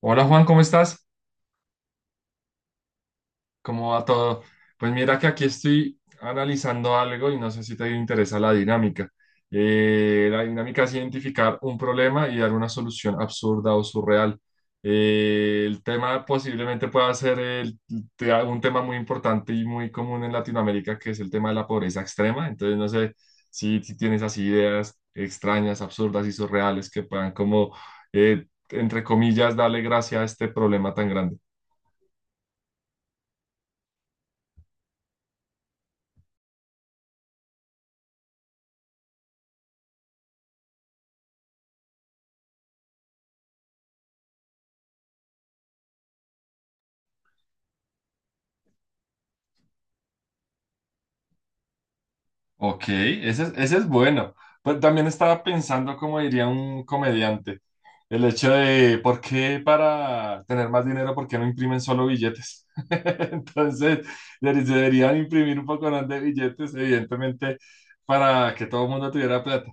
Hola Juan, ¿cómo estás? ¿Cómo va todo? Pues mira que aquí estoy analizando algo y no sé si te interesa la dinámica. La dinámica es identificar un problema y dar una solución absurda o surreal. El tema posiblemente pueda ser un tema muy importante y muy común en Latinoamérica, que es el tema de la pobreza extrema. Entonces no sé si tienes así ideas extrañas, absurdas y surreales que puedan como, entre comillas, darle gracia a este problema tan grande. Ok, ese es bueno. Pues también estaba pensando, como diría un comediante, el hecho de por qué para tener más dinero, por qué no imprimen solo billetes. Entonces, deberían imprimir un poco más de billetes, evidentemente, para que todo el mundo tuviera plata.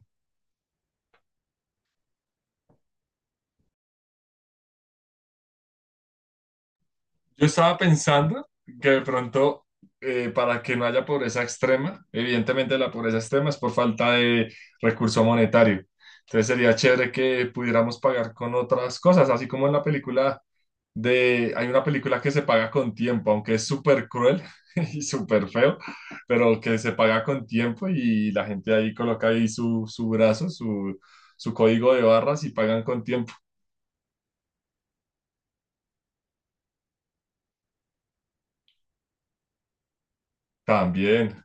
Yo estaba pensando que de pronto, para que no haya pobreza extrema, evidentemente la pobreza extrema es por falta de recurso monetario. Entonces sería chévere que pudiéramos pagar con otras cosas, así como en la película de, hay una película que se paga con tiempo, aunque es súper cruel y súper feo, pero que se paga con tiempo y la gente ahí coloca ahí su brazo, su código de barras y pagan con tiempo también.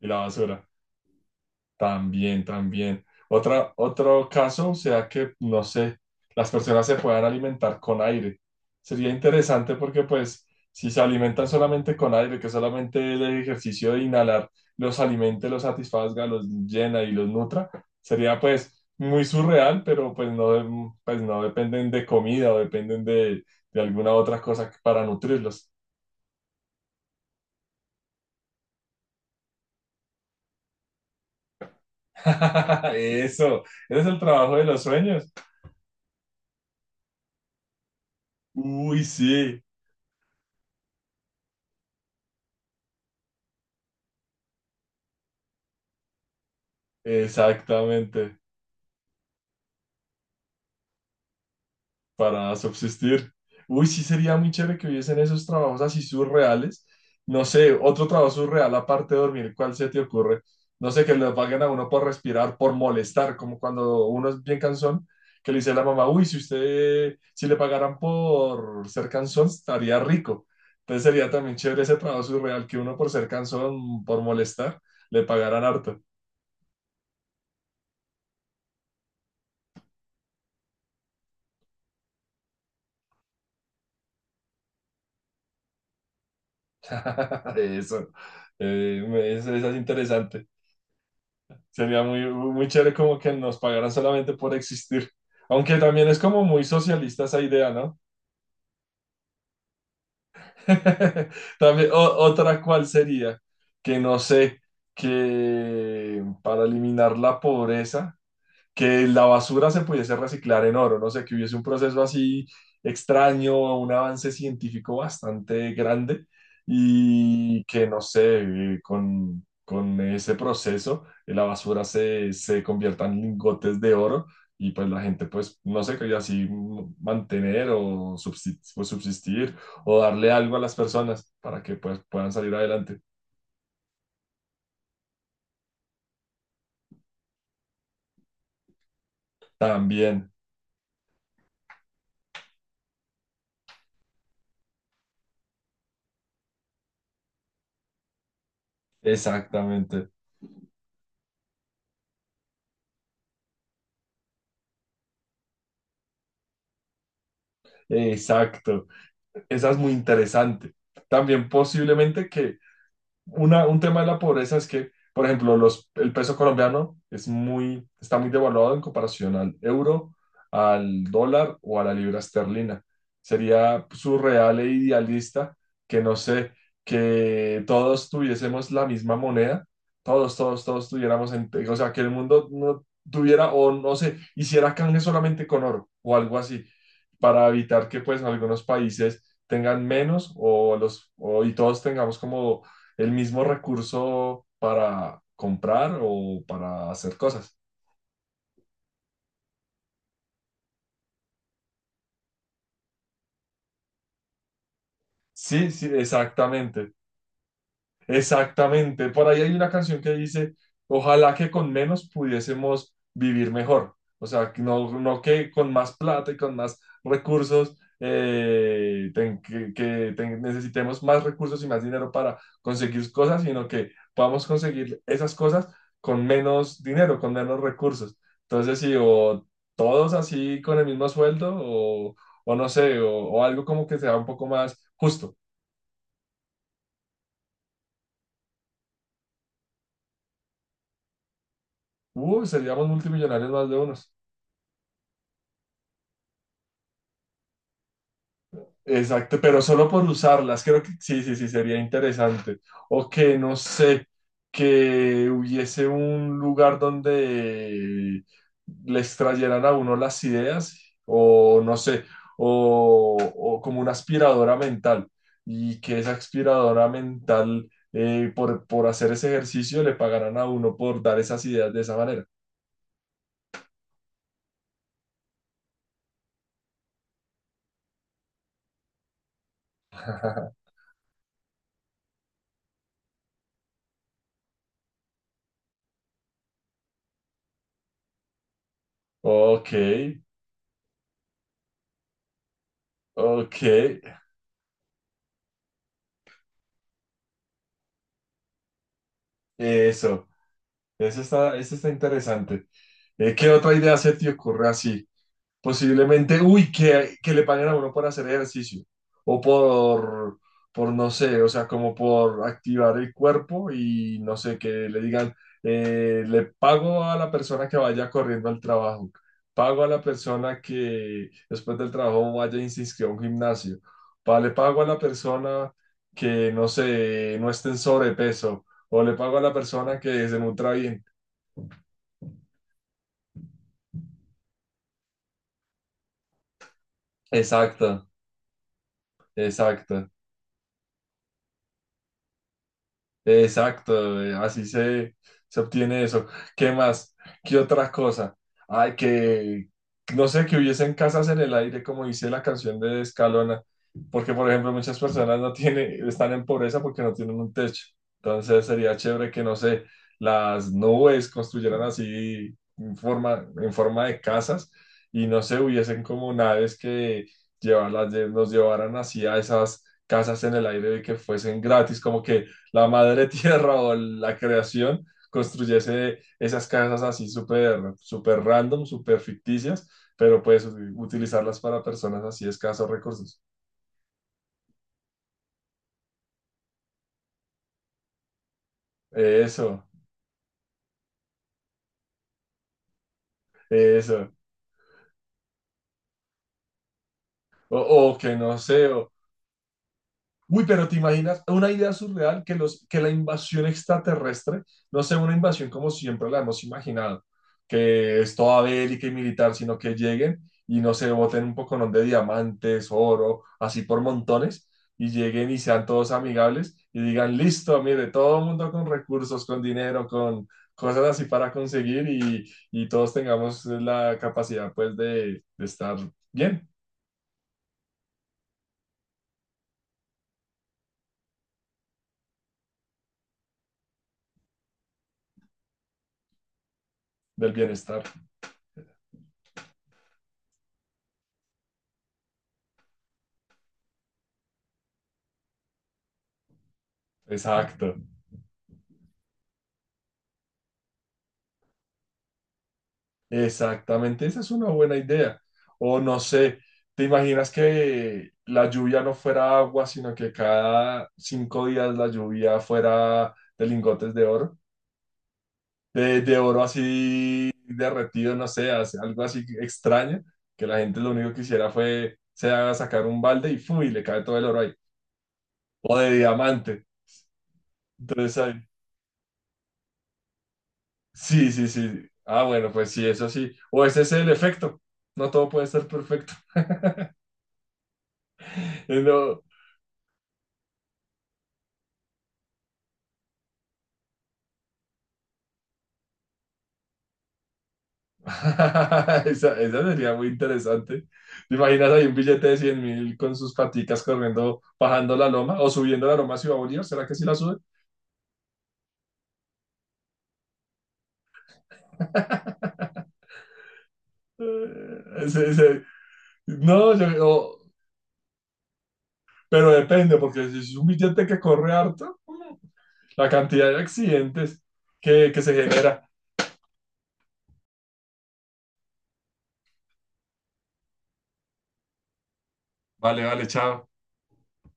Y la basura. También, también. Otro caso sea que, no sé, las personas se puedan alimentar con aire. Sería interesante porque, pues, si se alimentan solamente con aire, que solamente el ejercicio de inhalar los alimente, los satisfazga, los llena y los nutra, sería, pues, muy surreal, pero, pues, no dependen de comida o dependen de alguna otra cosa para nutrirlos. Eso, ese es el trabajo de los sueños. Uy, sí. Exactamente, para subsistir. Uy, sí sería muy chévere que hubiesen esos trabajos así surreales. No sé, otro trabajo surreal aparte de dormir, ¿cuál se te ocurre? No sé, que le paguen a uno por respirar, por molestar, como cuando uno es bien cansón, que le dice a la mamá, uy, si usted, si le pagaran por ser cansón, estaría rico. Entonces sería también chévere ese trabajo surreal, que uno por ser cansón, por molestar, le pagaran harto. Eso, eso es interesante. Sería muy, muy chévere como que nos pagaran solamente por existir. Aunque también es como muy socialista esa idea, ¿no? También, otra cual sería, que no sé, que para eliminar la pobreza que la basura se pudiese reciclar en oro, no sé, que hubiese un proceso así extraño, un avance científico bastante grande y que, no sé, con ese proceso la basura se convierta en lingotes de oro y pues la gente pues, no sé, que así mantener o subsistir, o subsistir o darle algo a las personas para que pues puedan salir adelante. También, exactamente. Exacto. Esa es muy interesante. También posiblemente que un tema de la pobreza es que, por ejemplo, los, el peso colombiano es muy, está muy devaluado en comparación al euro, al dólar o a la libra esterlina. Sería surreal e idealista que, no sé, que todos tuviésemos la misma moneda, todos, todos, todos tuviéramos, en- o sea, que el mundo no tuviera o no sé, hiciera canje solamente con oro o algo así, para evitar que pues algunos países tengan menos o los, o, y todos tengamos como el mismo recurso para comprar o para hacer cosas. Sí, sí, exactamente. Exactamente, por ahí hay una canción que dice, ojalá que con menos pudiésemos vivir mejor, o sea, que no, no que con más plata y con más recursos, que, que necesitemos más recursos y más dinero para conseguir cosas, sino que podamos conseguir esas cosas con menos dinero, con menos recursos. Entonces, sí, o todos así con el mismo sueldo, o no sé, o algo como que sea un poco más justo. Seríamos multimillonarios más de unos. Exacto, pero solo por usarlas, creo que sí, sí, sí, sería interesante. O que, no sé, que hubiese un lugar donde les trayeran a uno las ideas, o no sé, o como una aspiradora mental, y que esa aspiradora mental, por hacer ese ejercicio, le pagaran a uno por dar esas ideas de esa manera. Ok, ok, eso, eso está interesante. ¿Qué otra idea se te ocurre así? Posiblemente, uy, que le paguen a uno por hacer ejercicio o por, no sé, o sea, como por activar el cuerpo y no sé, que le digan, le pago a la persona que vaya corriendo al trabajo, pago a la persona que después del trabajo vaya y se inscriba a un gimnasio, le pago a la persona que, no sé, no esté en sobrepeso o le pago a la persona que se nutra bien. Exacto, exacto. Exacto, así se, se obtiene eso. ¿Qué más? ¿Qué otra cosa? Ay, que no sé, que hubiesen casas en el aire, como dice la canción de Escalona, porque por ejemplo muchas personas no tienen, están en pobreza porque no tienen un techo. Entonces sería chévere que, no sé, las nubes construyeran así en forma de casas y no sé, hubiesen como naves que llevarlas, nos llevaran así a esas casas en el aire y que fuesen gratis, como que la madre tierra o la creación construyese esas casas así súper, súper random, súper ficticias, pero pues utilizarlas para personas así escasos recursos. Eso, eso. O que no sé, o, uy, pero ¿te imaginas una idea surreal que, los, que la invasión extraterrestre no sea una invasión como siempre la hemos imaginado, que es toda bélica y militar, sino que lleguen y no se boten un poconón de diamantes, oro, así por montones, y lleguen y sean todos amigables y digan, listo, mire, todo el mundo con recursos, con dinero, con cosas así para conseguir y todos tengamos la capacidad pues de estar bien, del bienestar. Exacto. Exactamente, esa es una buena idea. O no sé, ¿te imaginas que la lluvia no fuera agua, sino que cada 5 días la lluvia fuera de lingotes de oro? De oro así derretido, no sé, hace algo así extraño, que la gente lo único que hiciera fue se haga sacar un balde y ¡fum! Y le cae todo el oro ahí. O de diamante. Entonces, sí, sí, sí. Ah, bueno, pues sí, eso sí. O ese es el efecto. No todo puede ser perfecto. Esa sería muy interesante. ¿Te imaginas ahí un billete de 100.000 con sus paticas corriendo, bajando la loma o subiendo la loma a Ciudad Bolívar? ¿Será que sí la sube? Eh, ese- ese- no, pero depende, porque si es un billete que corre harto, la cantidad de accidentes que se genera. Vale, vale, chao.